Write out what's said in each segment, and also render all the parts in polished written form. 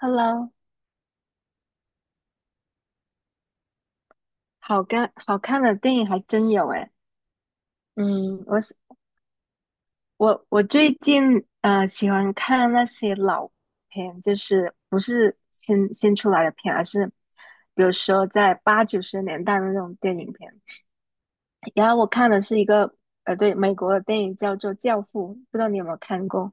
Hello，好看的电影还真有诶。嗯，我是我我最近喜欢看那些老片，就是不是新出来的片，而是比如说在八九十年代的那种电影片。然后我看的是一个对美国的电影叫做《教父》，不知道你有没有看过？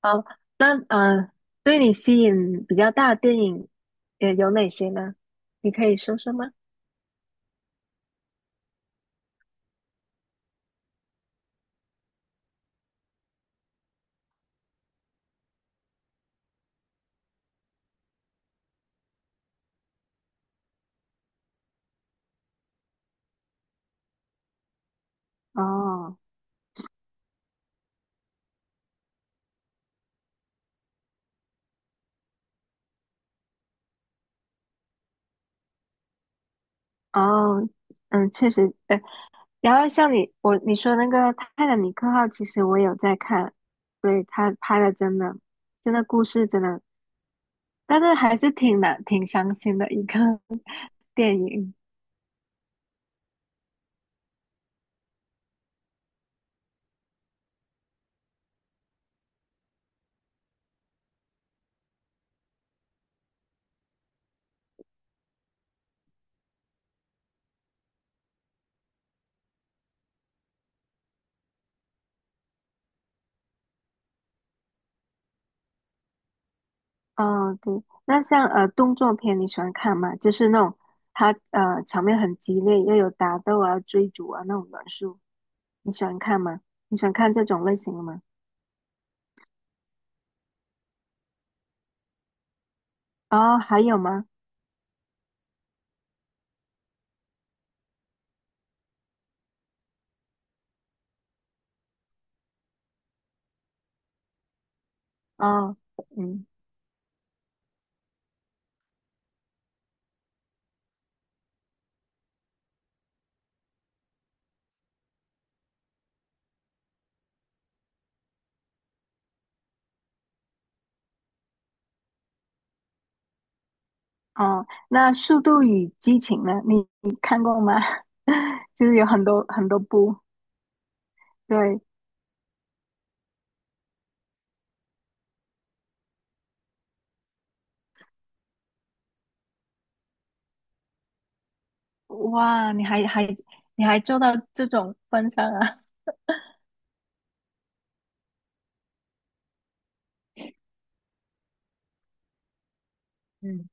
好，那对你吸引比较大的电影有哪些呢？你可以说说吗？哦哦，嗯，确实，哎，然后像你说那个《泰坦尼克号》，其实我有在看。对，他拍的真的故事真的，但是还是挺伤心的一个 电影。哦，对，那像动作片你喜欢看吗？就是那种他场面很激烈，又有打斗啊、追逐啊那种元素，你喜欢看吗？你喜欢看这种类型的吗？哦，还有吗？哦，嗯。哦，那《速度与激情》呢？你看过吗？就是有很多很多部，对，哇，你还做到这种份上啊？嗯，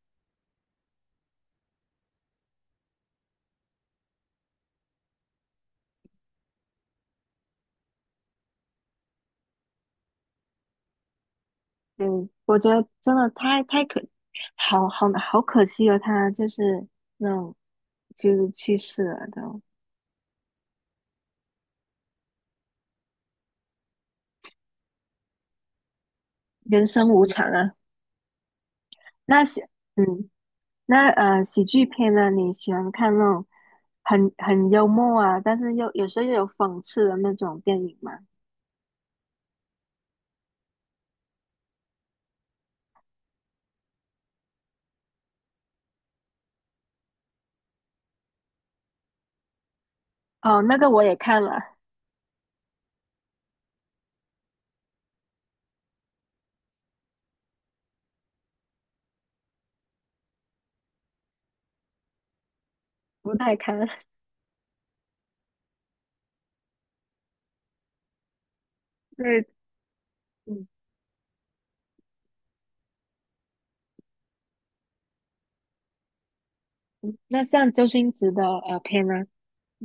对，我觉得真的太太可，好可惜了，他就是那种就是去世了都，人生无常啊。那喜嗯，那喜剧片呢？你喜欢看那种很幽默啊，但是又有时候又有讽刺的那种电影吗？哦，那个我也看了，不太看 对，嗯，那像周星驰的片呢，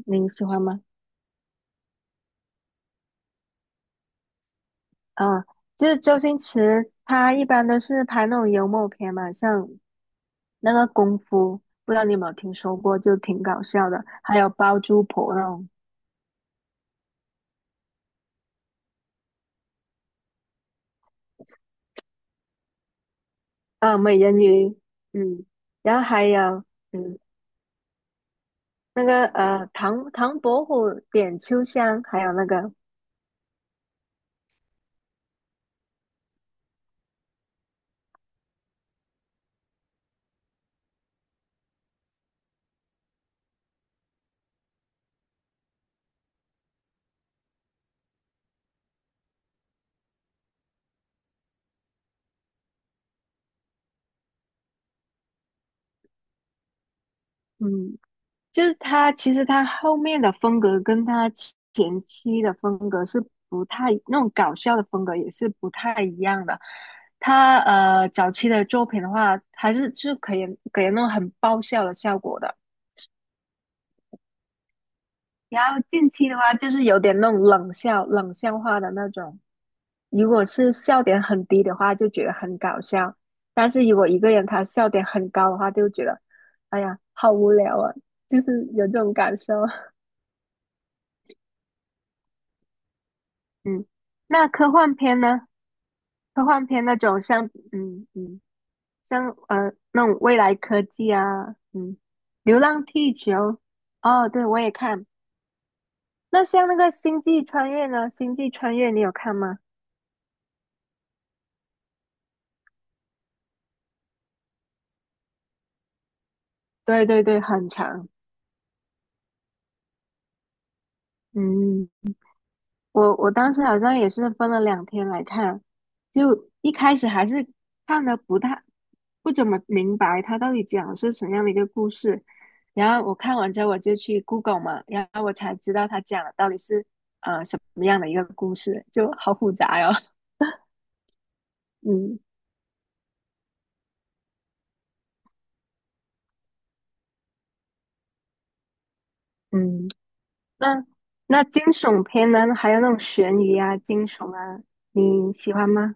您喜欢吗？啊、就是周星驰他一般都是拍那种幽默片嘛，像那个《功夫》，不知道你有没有听说过，就挺搞笑的。还有《包租婆》那种，啊，美人鱼，嗯，然后还有嗯那个唐伯虎点秋香，还有那个嗯就是他，其实他后面的风格跟他前期的风格是不太，那种搞笑的风格也是不太一样的。他早期的作品的话，还是可以给人那种很爆笑的效果的。然后近期的话，就是有点那种冷笑、冷笑话的那种。如果是笑点很低的话，就觉得很搞笑；但是如果一个人他笑点很高的话，就觉得哎呀好无聊啊，就是有这种感受。嗯，那科幻片呢？科幻片那种像，嗯嗯，像那种未来科技啊，嗯，《流浪地球》。哦，对，我也看。那像那个《星际穿越》呢？《星际穿越》你有看吗？对对对，很长。嗯。我当时好像也是分了两天来看，就一开始还是看的不怎么明白他到底讲的是什么样的一个故事，然后我看完之后我就去 Google 嘛，然后我才知道他讲的到底是什么样的一个故事，就好复杂哟、嗯嗯，那那惊悚片呢，还有那种悬疑啊、惊悚啊，你喜欢吗？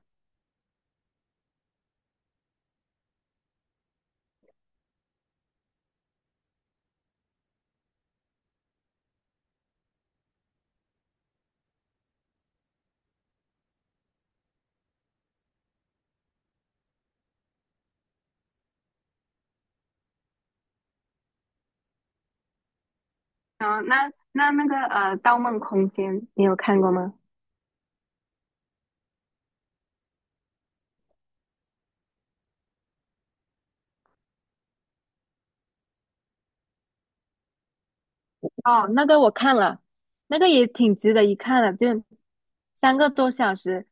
啊，那个《盗梦空间》，你有看过吗？哦，那个我看了，那个也挺值得一看的，就三个多小时，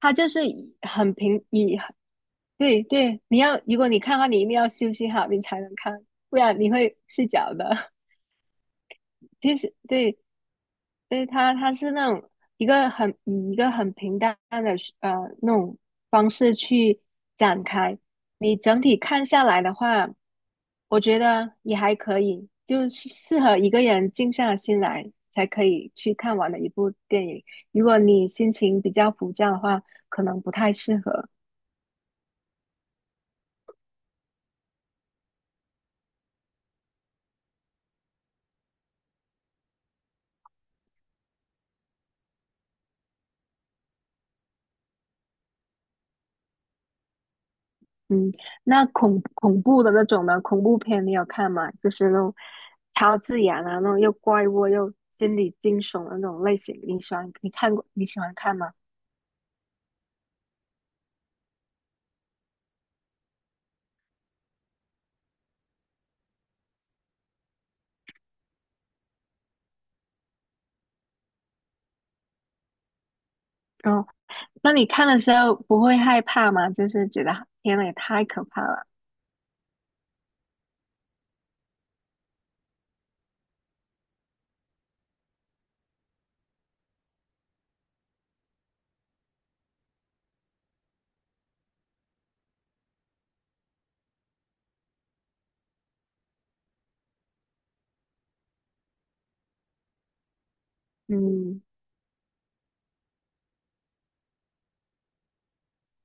它就是以很平以，对对，如果你看的话，你一定要休息好，你才能看，不然你会睡着的。其实对，所以它是那种一个很平淡的呃那种方式去展开。你整体看下来的话，我觉得也还可以，就是适合一个人静下心来才可以去看完的一部电影。如果你心情比较浮躁的话，可能不太适合。嗯，那恐怖的那种呢？恐怖片你有看吗？就是那种超自然啊，那种又怪物又心理惊悚的那种类型，你喜欢？你看过？你喜欢看吗？哦，那你看的时候不会害怕吗？就是觉得天呐，也太可怕了。嗯，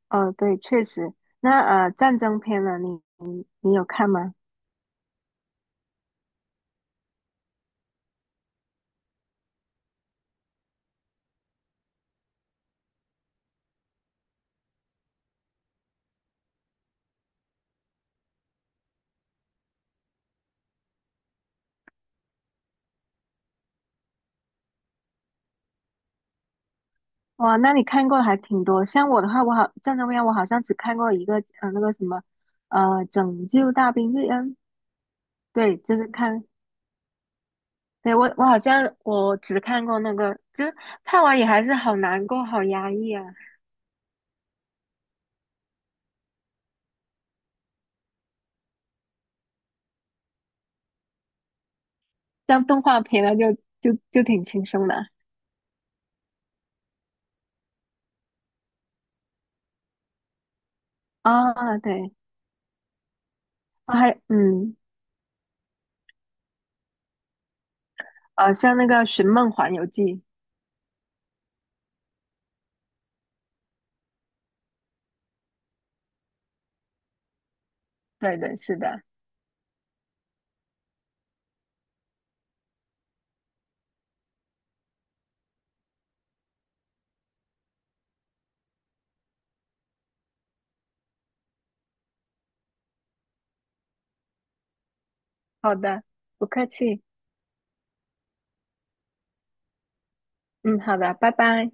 哦，对，确实。那战争片呢？你有看吗？哇，那你看过的还挺多。像我的话，我好战争片，我好像只看过一个，那个什么，呃，《拯救大兵瑞恩》。对，就是对，好像我只看过那个，就是看完也还是好难过，好压抑啊。像动画片呢，就挺轻松的啊。对，啊、啊，像那个《寻梦环游记》，对对，是的，好的，不客气，嗯，好的，拜拜。